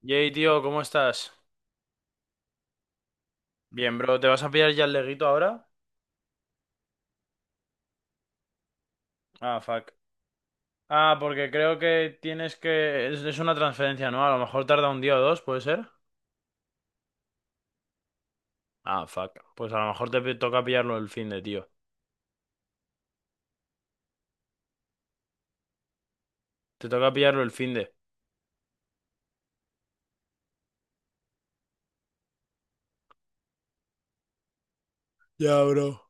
Yay, tío, ¿cómo estás? Bien, bro, ¿te vas a pillar ya el leguito ahora? Ah, fuck. Ah, porque creo que tienes que... Es una transferencia, ¿no? A lo mejor tarda un día o dos, ¿puede ser? Ah, fuck. Pues a lo mejor toca pillarlo el finde, tío. Te toca pillarlo el finde. Ya, bro.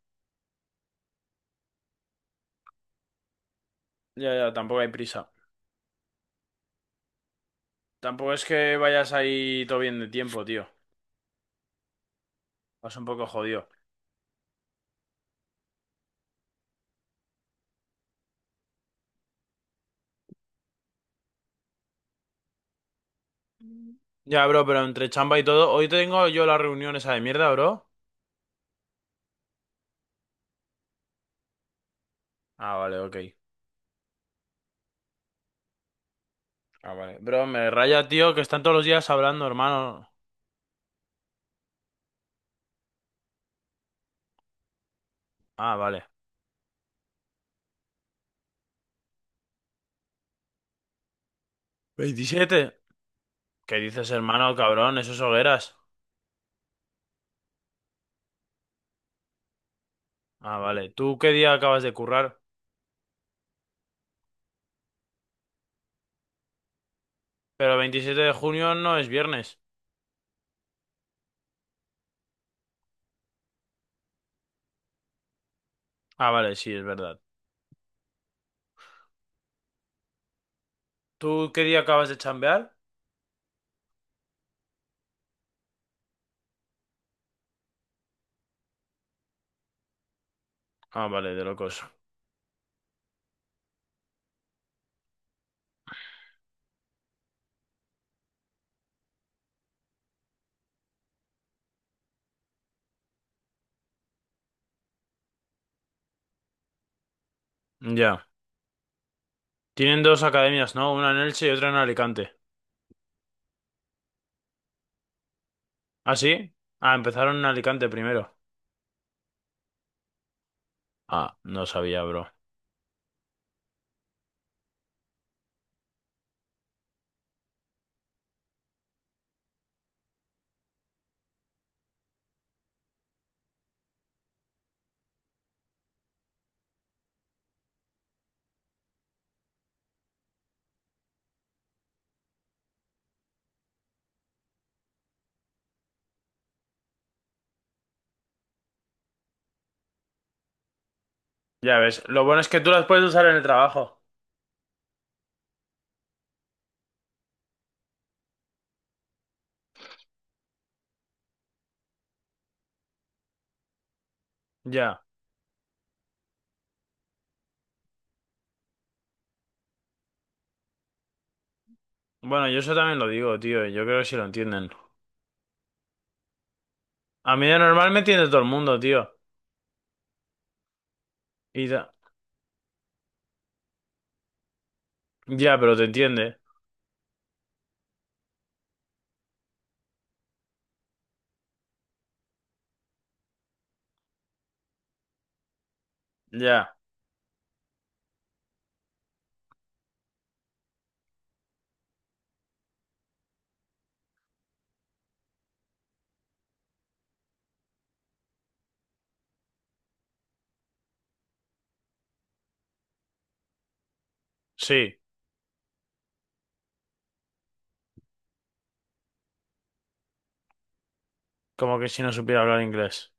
Ya, ya, tampoco hay prisa. Tampoco es que vayas ahí todo bien de tiempo, tío. Vas un poco jodido. Ya, bro, pero entre chamba y todo, hoy tengo yo la reunión esa de mierda, bro. Ah, vale, ok. Ah, vale. Bro, me raya, tío, que están todos los días hablando, hermano. Ah, vale. 27, ¿qué dices, hermano, cabrón? Esos hogueras. Ah, vale. ¿Tú qué día acabas de currar? Pero 27 de junio no es viernes. Ah, vale, sí, es verdad. ¿Tú qué día acabas de chambear? Ah, vale, de locos. Ya. Tienen dos academias, ¿no? Una en Elche y otra en Alicante. ¿Ah, sí? Ah, empezaron en Alicante primero. Ah, no sabía, bro. Ya ves, lo bueno es que tú las puedes usar en el trabajo. Ya. Bueno, yo eso también lo digo, tío. Yo creo que sí lo entienden. A mí de normal me entiende todo el mundo, tío. Y da- Ya, pero te entiende. Ya, sí, como que si no supiera hablar inglés.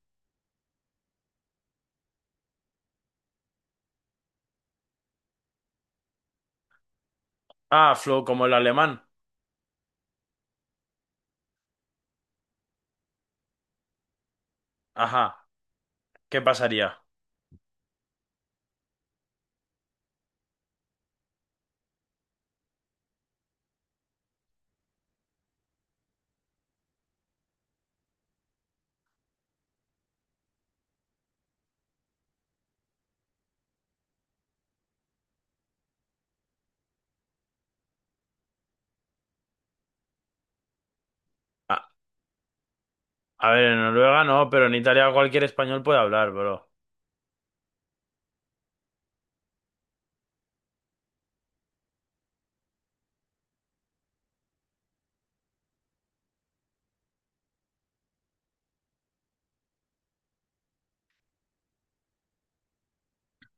Ah, flow, como el alemán. Ajá, ¿qué pasaría? A, a ver, en Noruega no, pero en Italia cualquier español puede hablar, bro.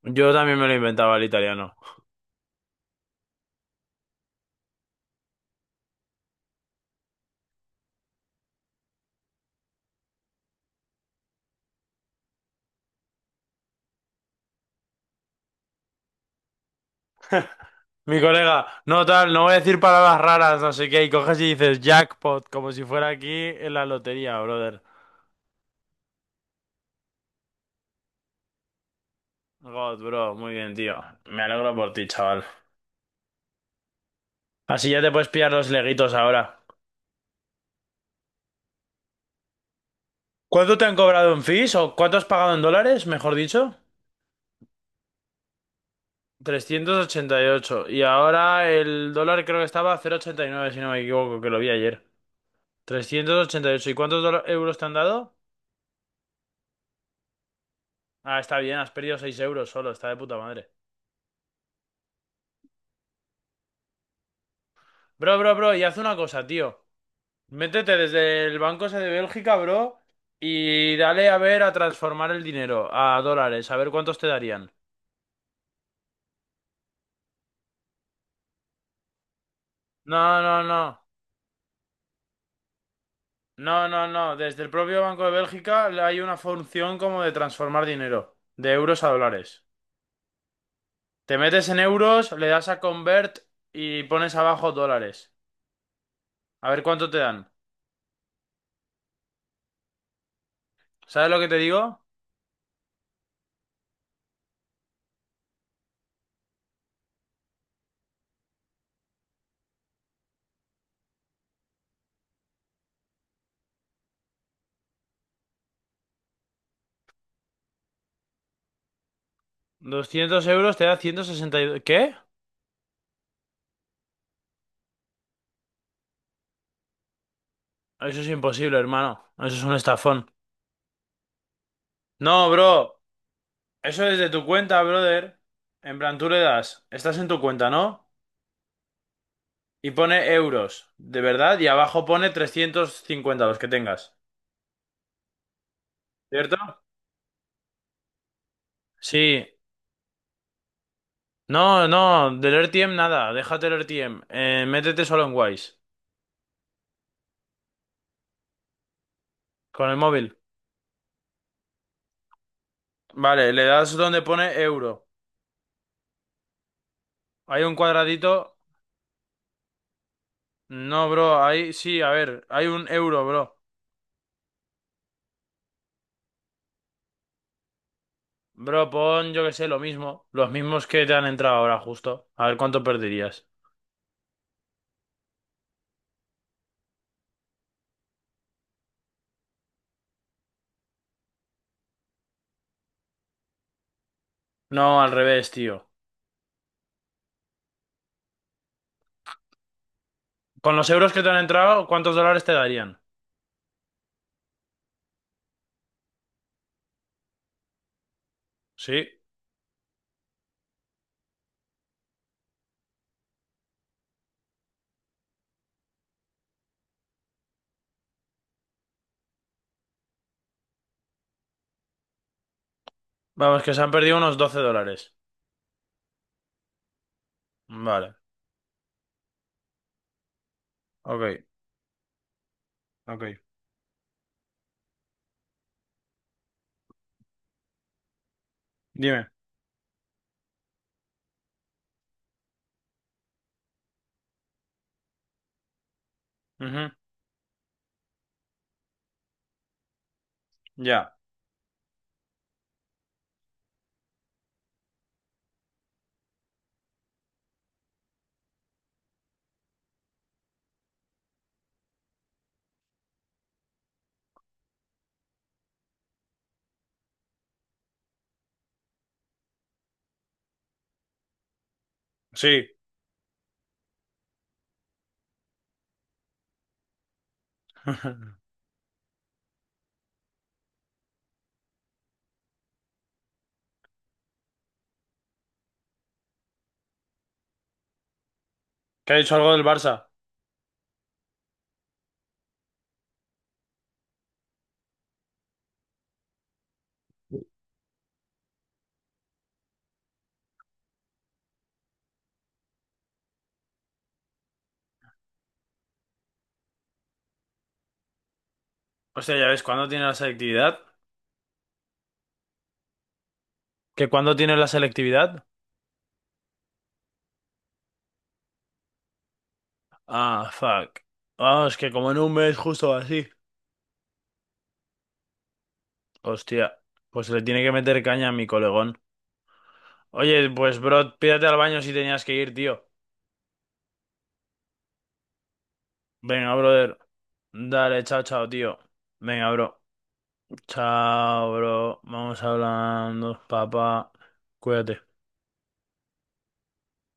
Yo también me lo inventaba el italiano. Mi colega, no tal, no voy a decir palabras raras, no sé qué, y coges y dices jackpot, como si fuera aquí en la lotería, brother. God, bro, muy bien, tío. Me alegro por ti, chaval. Así ya te puedes pillar los leguitos ahora. ¿Cuánto te han cobrado en fees o cuánto has pagado en dólares, mejor dicho? 388. Y ocho. Y ahora el dólar creo que estaba a 0,89, si no me equivoco, que lo vi ayer. 388. ¿Y ocho? ¿Y cuántos euros te han dado? Ah, está bien, has perdido 6 euros solo, está de puta madre. Bro, bro, bro, y haz una cosa, tío. Métete desde el banco ese de Bélgica, bro, y dale a ver a transformar el dinero a dólares, a ver cuántos te darían. No, no, no. No, no, no. Desde el propio Banco de Bélgica hay una función como de transformar dinero de euros a dólares. Te metes en euros, le das a convert y pones abajo dólares. A ver cuánto te dan. ¿Sabes lo que te digo? 200 euros te da 162... ¿Qué? Eso es imposible, hermano. Eso es un estafón. No, bro. Eso es de tu cuenta, brother. En plan, tú le das. Estás en tu cuenta, ¿no? Y pone euros, de verdad. Y abajo pone 350 los que tengas. ¿Cierto? Sí. No, no. Del RTM nada. Déjate el RTM. Métete solo en Wise. Con el móvil. Vale, le das donde pone euro. Hay un cuadradito. No, bro, ahí sí, a ver, hay un euro, bro. Bro, pon, yo que sé, lo mismo. Los mismos que te han entrado ahora, justo. A ver cuánto perderías. No, al revés, tío. Con los euros que te han entrado, ¿cuántos dólares te darían? Sí. Vamos, que se han perdido unos 12 dólares. Vale, ok, ok. Dime. Ujú, ya, sí. ¿Qué ha dicho algo del Barça? Hostia, ya ves, ¿cuándo tiene la selectividad? ¿Que cuándo tiene la selectividad? Ah, fuck. Ah, es que como en un mes justo así. Hostia, pues se le tiene que meter caña a mi colegón. Oye, pues bro, pídate al baño si tenías que ir, tío. Venga, brother. Dale, chao, chao, tío. Venga, bro. Chao, bro. Vamos hablando, papá. Cuídate.